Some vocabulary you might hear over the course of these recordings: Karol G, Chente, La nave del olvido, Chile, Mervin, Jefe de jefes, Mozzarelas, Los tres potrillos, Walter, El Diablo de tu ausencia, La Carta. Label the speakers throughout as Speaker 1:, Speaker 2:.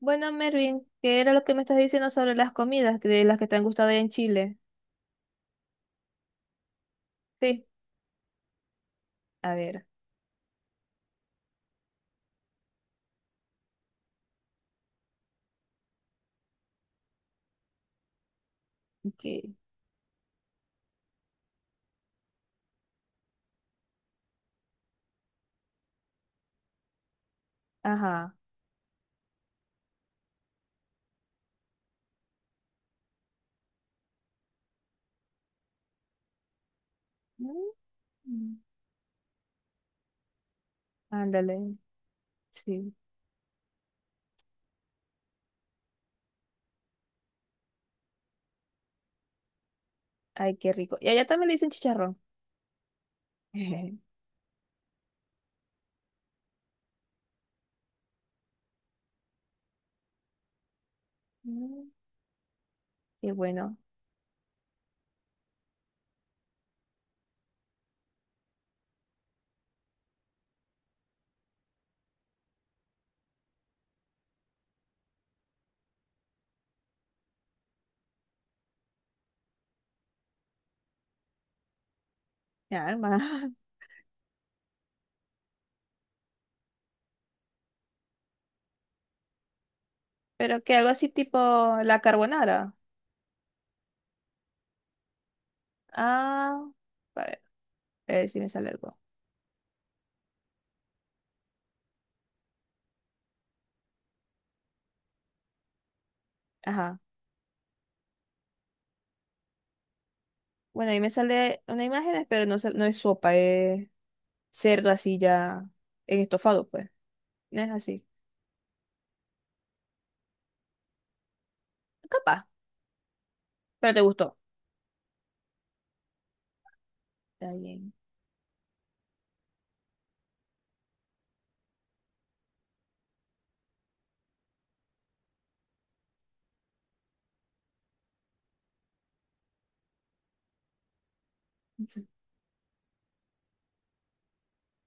Speaker 1: Bueno, Mervin, ¿qué era lo que me estás diciendo sobre las comidas de las que te han gustado allá en Chile? Sí, a ver, ok, ajá. Mm. Ándale, sí. Ay, qué rico. Y allá también le dicen chicharrón. Mm. Qué bueno, mi alma. Pero que algo así tipo la carbonara. Ah, a ver, a ver si me sale algo. Ajá. Bueno, ahí me sale una imagen, pero no, no es sopa, es cerdo así ya en estofado, pues. No es así. Capaz, pero te gustó. Está bien.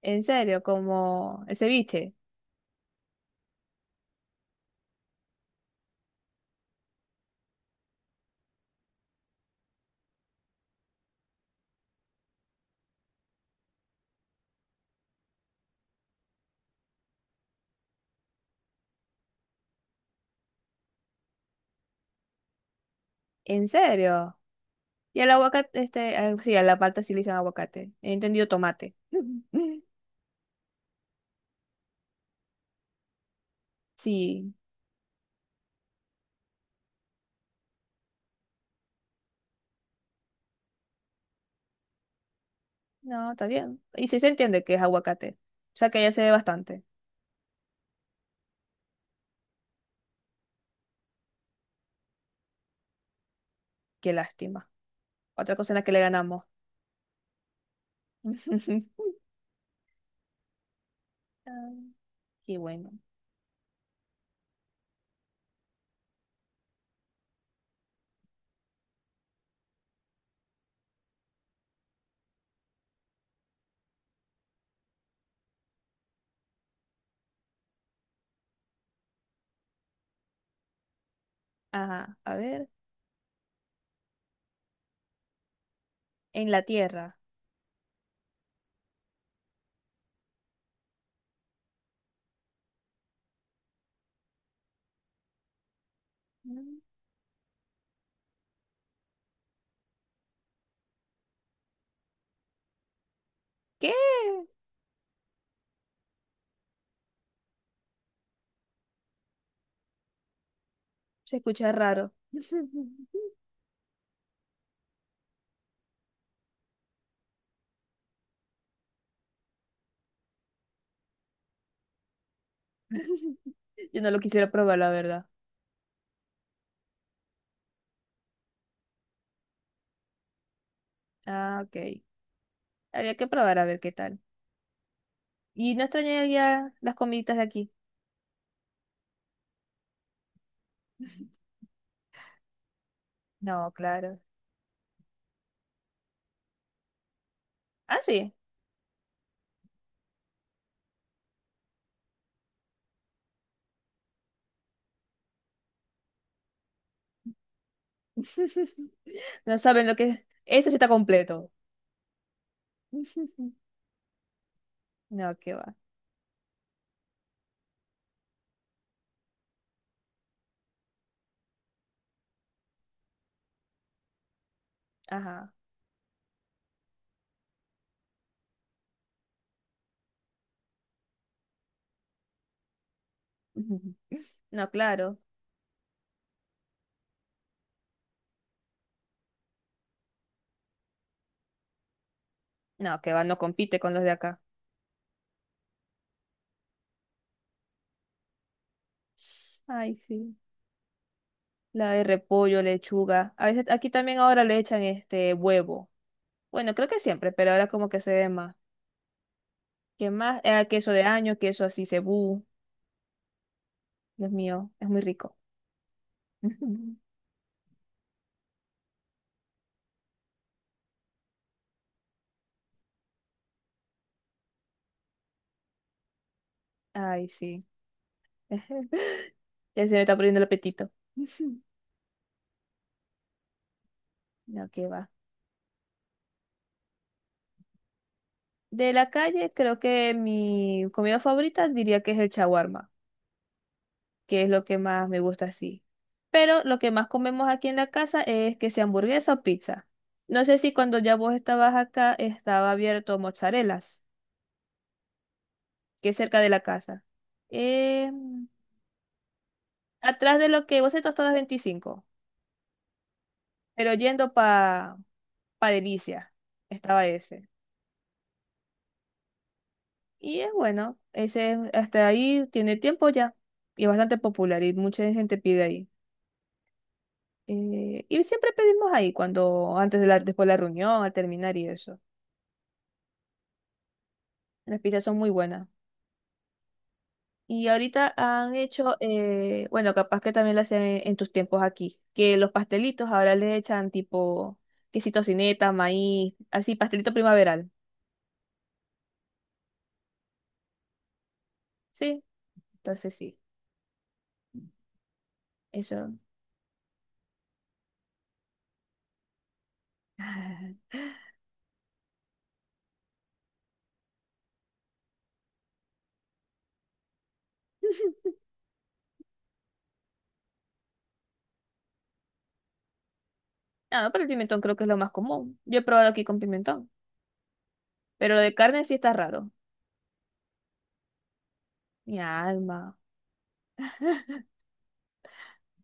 Speaker 1: En serio, como el ceviche. En serio. Y el aguacate, este, ah, sí, a la palta sí le dicen aguacate. He entendido tomate. Sí, no, está bien. Y sí se entiende que es aguacate. O sea que ya se ve bastante. Qué lástima. Otra cosa en la que le ganamos. Ah, qué bueno. Ajá, a ver. En la tierra. Mm. ¿Qué? Se escucha raro. Yo no lo quisiera probar, la verdad. Ah, ok. Habría que probar a ver qué tal. ¿Y no extrañaría las comiditas de aquí? No, claro. Ah, sí. No saben lo que es. Ese sí está completo. No, qué va. Ajá. No, claro. No, qué va, no compite con los de acá. Ay, sí. La de repollo, lechuga. A veces aquí también ahora le echan este huevo. Bueno, creo que siempre, pero ahora como que se ve más. ¿Qué más? Queso de año, queso así, cebú. Dios mío, es muy rico. Ay, sí. Ya se me está poniendo el apetito. No, qué va. De la calle, creo que mi comida favorita diría que es el shawarma, que es lo que más me gusta así. Pero lo que más comemos aquí en la casa es que sea hamburguesa o pizza. No sé si cuando ya vos estabas acá estaba abierto Mozzarelas, que es cerca de la casa. Eh, atrás de lo que vos estás todas 25, pero yendo pa, pa Delicia, estaba ese. Y es bueno, ese hasta ahí tiene tiempo ya y es bastante popular y mucha gente pide ahí. Y siempre pedimos ahí cuando, antes de la, después de la reunión, al terminar y eso. Las pizzas son muy buenas. Y ahorita han hecho, bueno, capaz que también lo hacen en tus tiempos aquí, que los pastelitos ahora le echan tipo quesito tocineta, maíz, así, pastelito primaveral. Sí, entonces sí, eso. Ah, pero el pimentón creo que es lo más común. Yo he probado aquí con pimentón, pero lo de carne sí está raro. Mi alma.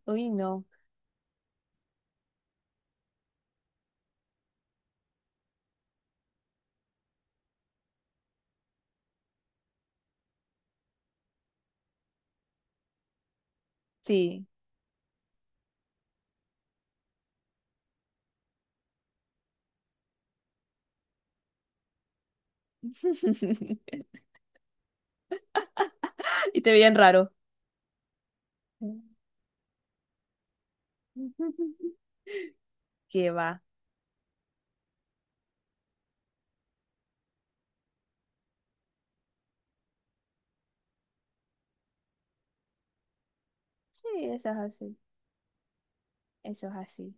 Speaker 1: Uy, no. Sí. Y te veían raro. ¿Qué va? Sí, eso es así. Eso es así.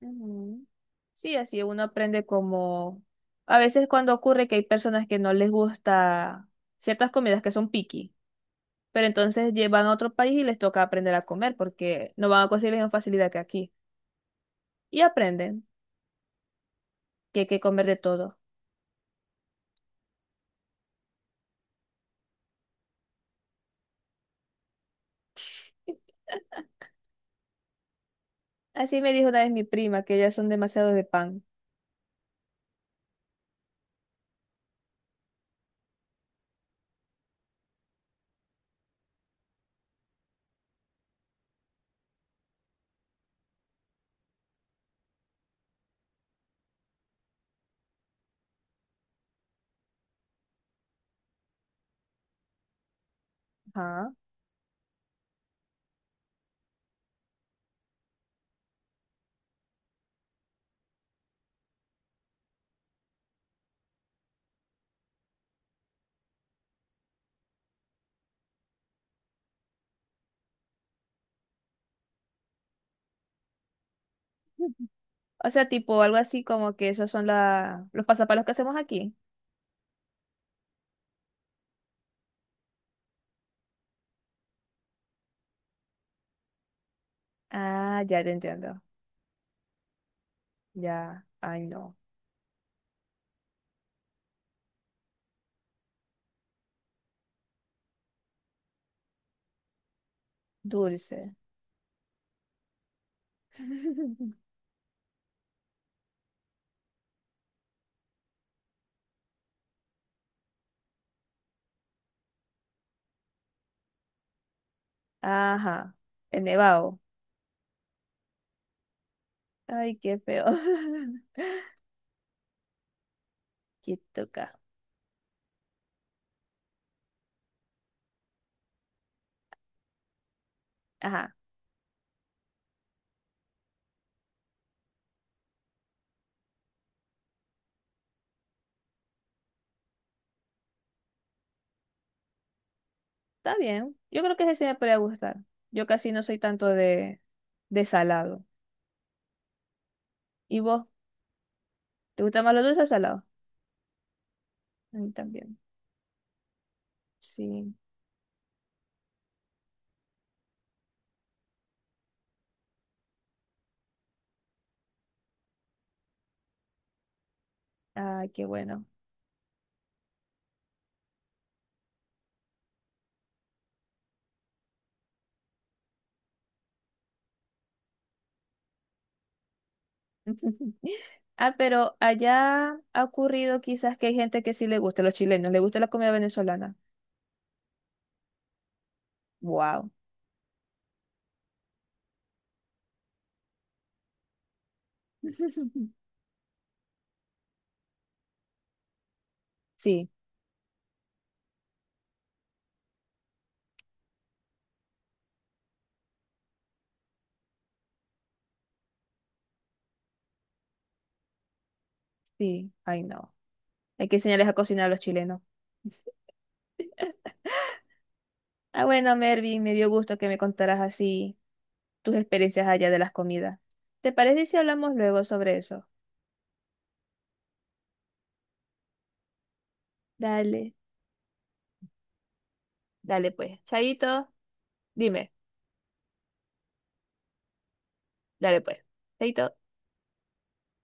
Speaker 1: Ujú. Sí, así uno aprende como... A veces cuando ocurre que hay personas que no les gusta ciertas comidas que son picky, pero entonces llevan a otro país y les toca aprender a comer porque no van a conseguir la misma facilidad que aquí. Y aprenden que hay que comer de todo. Así me dijo una vez mi prima, que ellas son demasiado de pan. Ajá. O sea, tipo algo así como que esos son la... los pasapalos que hacemos aquí. Ah, ya te entiendo. Ya, ay no, dulce. Ajá, el nevado. Ay, qué feo. Qué toca. Ajá, está bien. Yo creo que ese sí me podría gustar. Yo casi no soy tanto de salado. ¿Y vos? ¿Te gusta más lo dulce o salado? A mí también. Sí. Ay, qué bueno. Ah, pero allá ha ocurrido quizás que hay gente que sí le gusta, los chilenos, le gusta la comida venezolana. Wow. Sí, sí, ay no. Hay que enseñarles a cocinar a los chilenos. Ah, bueno, Mervin, me dio gusto que me contaras así tus experiencias allá de las comidas. ¿Te parece si hablamos luego sobre eso? Dale, dale pues. Chaito, dime, dale pues. Chaito.